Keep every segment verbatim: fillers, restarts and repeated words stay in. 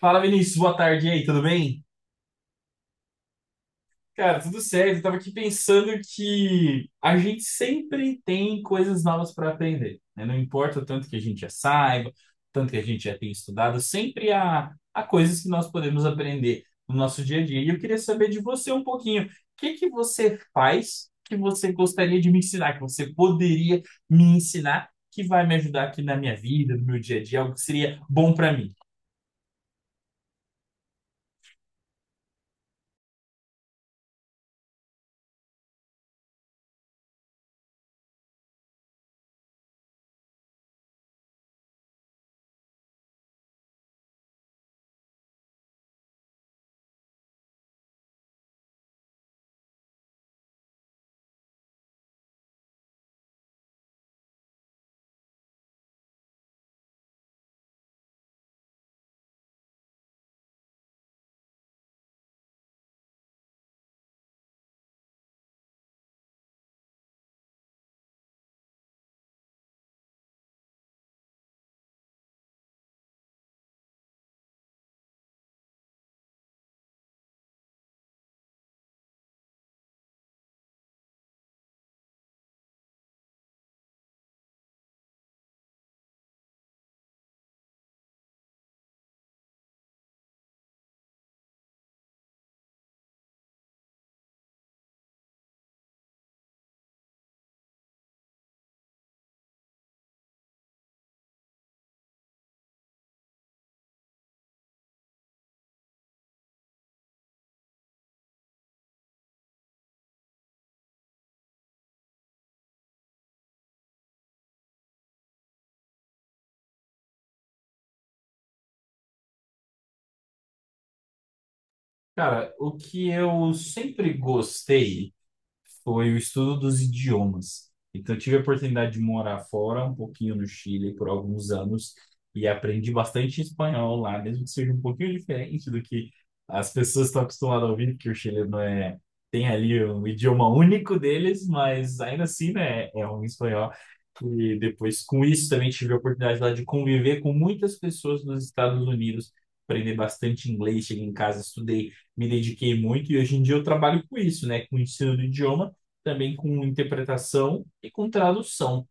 Fala, Vinícius, boa tarde e aí, tudo bem? Cara, tudo certo. Eu tava aqui pensando que a gente sempre tem coisas novas para aprender, né? Não importa o tanto que a gente já saiba, o tanto que a gente já tenha estudado, sempre há, há coisas que nós podemos aprender no nosso dia a dia. E eu queria saber de você um pouquinho, o que que você faz que você gostaria de me ensinar, que você poderia me ensinar, que vai me ajudar aqui na minha vida, no meu dia a dia, algo que seria bom para mim? Cara, o que eu sempre gostei foi o estudo dos idiomas. Então, eu tive a oportunidade de morar fora, um pouquinho no Chile, por alguns anos, e aprendi bastante espanhol lá, mesmo que seja um pouquinho diferente do que as pessoas estão acostumadas a ouvir, porque o chileno é, tem ali um idioma único deles, mas ainda assim, né, é um espanhol. E depois, com isso, também tive a oportunidade lá de conviver com muitas pessoas dos Estados Unidos, aprender bastante inglês, cheguei em casa, estudei, me dediquei muito e hoje em dia eu trabalho com isso, né? Com o ensino do idioma, também com interpretação e com tradução.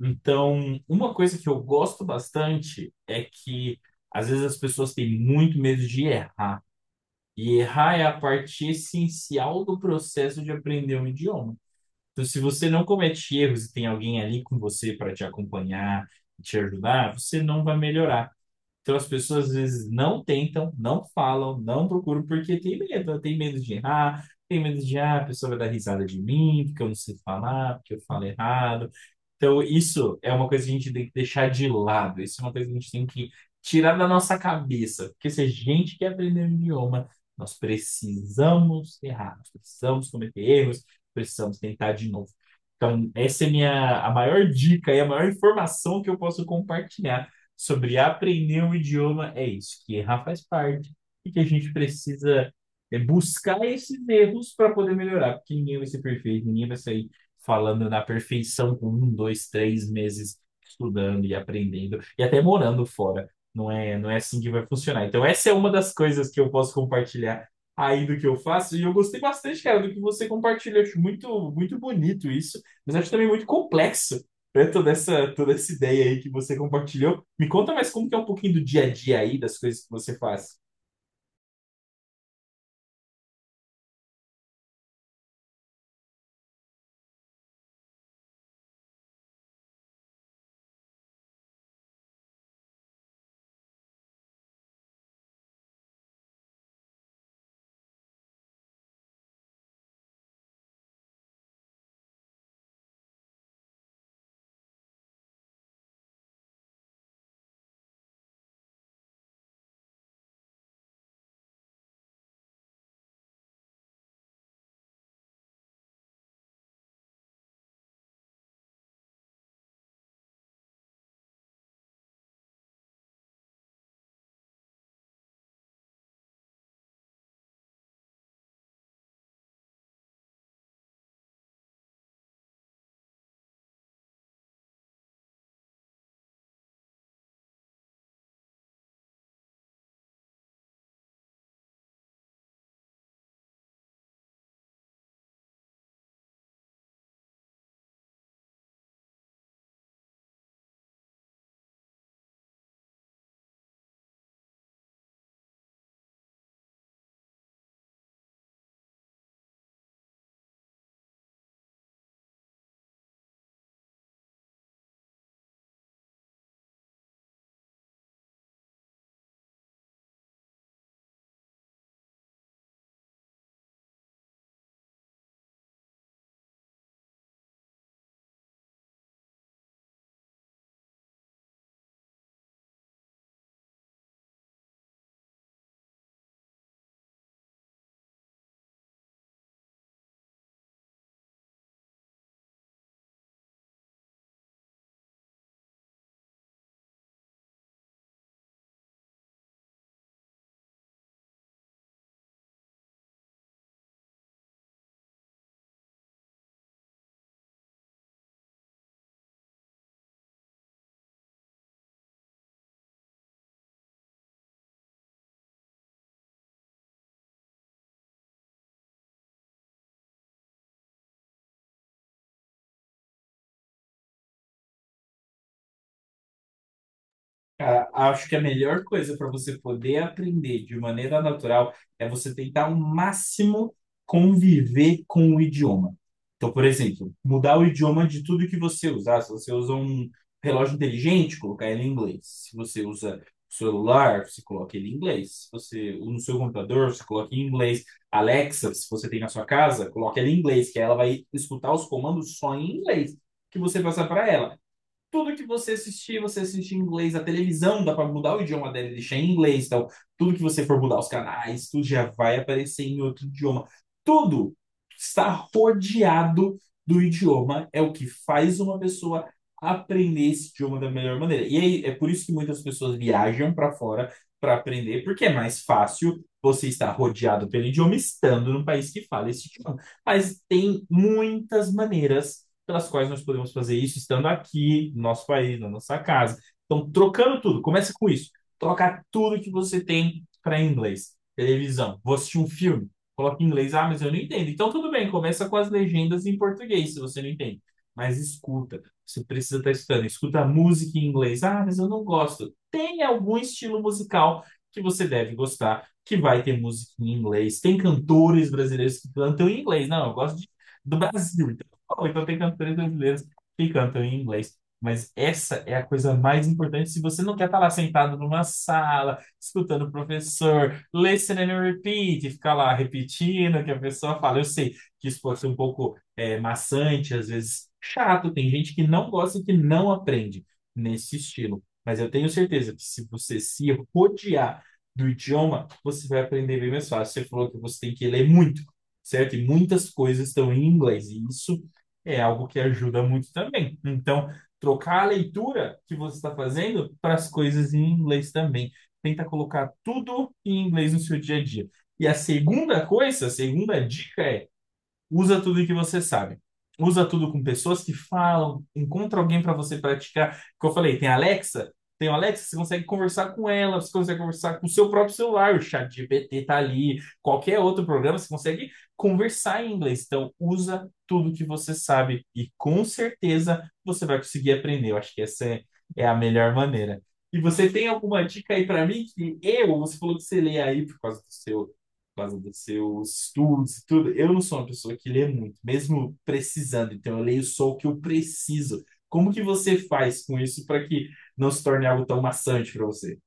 Então, uma coisa que eu gosto bastante é que às vezes as pessoas têm muito medo de errar. E errar é a parte essencial do processo de aprender um idioma. Então, se você não comete erros e tem alguém ali com você para te acompanhar, te ajudar, você não vai melhorar. Então as pessoas às vezes não tentam, não falam, não procuram, porque tem medo, né? Tem medo de errar, tem medo de, ah, a pessoa vai dar risada de mim, porque eu não sei falar, porque eu falo errado. Então isso é uma coisa que a gente tem que deixar de lado, isso é uma coisa que a gente tem que tirar da nossa cabeça, porque se a gente quer aprender um idioma, nós precisamos errar, nós precisamos cometer erros, precisamos tentar de novo. Então, essa é minha, a maior dica e a maior informação que eu posso compartilhar sobre aprender um idioma, é isso, que errar faz parte e que a gente precisa é, buscar esses erros para poder melhorar, porque ninguém vai ser perfeito, ninguém vai sair falando na perfeição com um, dois, três meses estudando e aprendendo e até morando fora. Não é, não é assim que vai funcionar. Então, essa é uma das coisas que eu posso compartilhar aí do que eu faço. E eu gostei bastante, cara, do que você compartilhou. Acho muito, muito bonito isso, mas acho também muito complexo, né? Toda essa, toda essa ideia aí que você compartilhou. Me conta mais como que é um pouquinho do dia a dia aí, das coisas que você faz. A- Acho que a melhor coisa para você poder aprender de maneira natural é você tentar ao máximo conviver com o idioma. Então, por exemplo, mudar o idioma de tudo que você usar. Se você usa um relógio inteligente, colocar ele em inglês. Se você usa celular, você coloca ele em inglês. Se você no seu computador, você coloca em inglês. Alexa, se você tem na sua casa, coloca ela em inglês, que aí ela vai escutar os comandos só em inglês que você passar para ela. Tudo que você assistir, você assiste em inglês. A televisão dá para mudar o idioma dela e deixar em inglês. Então, tudo que você for mudar os canais, tudo já vai aparecer em outro idioma. Tudo está rodeado do idioma. É o que faz uma pessoa aprender esse idioma da melhor maneira. E aí, é por isso que muitas pessoas viajam para fora para aprender, porque é mais fácil você estar rodeado pelo idioma estando num país que fala esse idioma. Mas tem muitas maneiras pelas quais nós podemos fazer isso estando aqui, no nosso país, na nossa casa. Então, trocando tudo. Começa com isso. Troca tudo que você tem para inglês. Televisão. Vou assistir um filme. Coloca em inglês. Ah, mas eu não entendo. Então, tudo bem. Começa com as legendas em português, se você não entende. Mas escuta. Você precisa estar escutando. Escuta a música em inglês. Ah, mas eu não gosto. Tem algum estilo musical que você deve gostar, que vai ter música em inglês. Tem cantores brasileiros que cantam em inglês. Não, eu gosto de do Brasil, ou então tem cantores brasileiros que cantam em inglês. Mas essa é a coisa mais importante se você não quer estar lá sentado numa sala, escutando o professor, listen and repeat, e ficar lá repetindo o que a pessoa fala. Eu sei que isso pode ser um pouco é, maçante, às vezes chato, tem gente que não gosta e que não aprende nesse estilo. Mas eu tenho certeza que se você se rodear do idioma, você vai aprender bem mais fácil. Você falou que você tem que ler muito, certo? E muitas coisas estão em inglês, e isso é algo que ajuda muito também. Então, trocar a leitura que você está fazendo para as coisas em inglês também. Tenta colocar tudo em inglês no seu dia a dia. E a segunda coisa, a segunda dica é: usa tudo que você sabe. Usa tudo com pessoas que falam. Encontra alguém para você praticar. Como eu falei, tem a Alexa. Tem o Alexa, você consegue conversar com ela, você consegue conversar com o seu próprio celular, o chat G P T tá ali, qualquer outro programa, você consegue conversar em inglês. Então, usa tudo que você sabe e com certeza você vai conseguir aprender. Eu acho que essa é, é a melhor maneira. E você tem alguma dica aí para mim que eu, você falou que você lê aí por causa do seu por causa dos seus estudos e tudo. Eu não sou uma pessoa que lê muito, mesmo precisando. Então, eu leio só o que eu preciso. Como que você faz com isso para que não se torne algo tão maçante para você?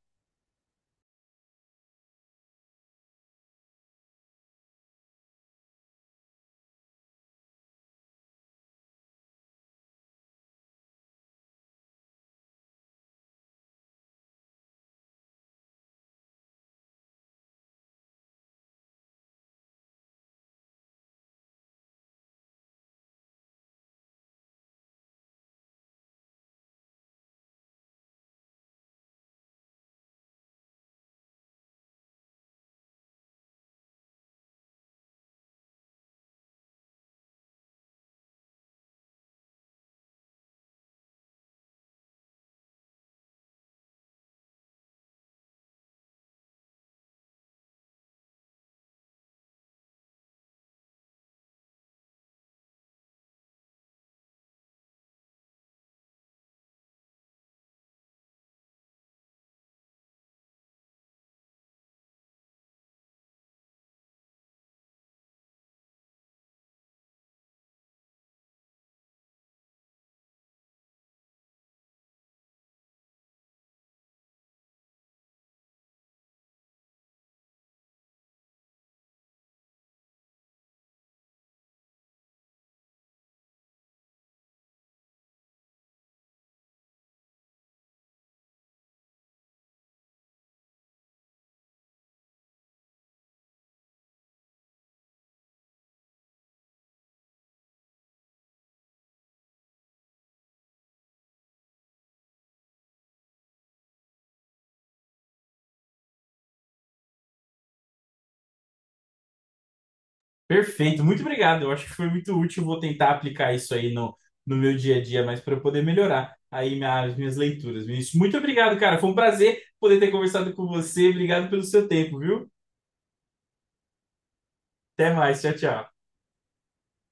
Perfeito, muito obrigado. Eu acho que foi muito útil. Vou tentar aplicar isso aí no, no meu dia a dia, mas para eu poder melhorar aí minha- as minhas leituras. Vinícius, muito obrigado, cara. Foi um prazer poder ter conversado com você. Obrigado pelo seu tempo, viu? Até mais. Tchau, tchau.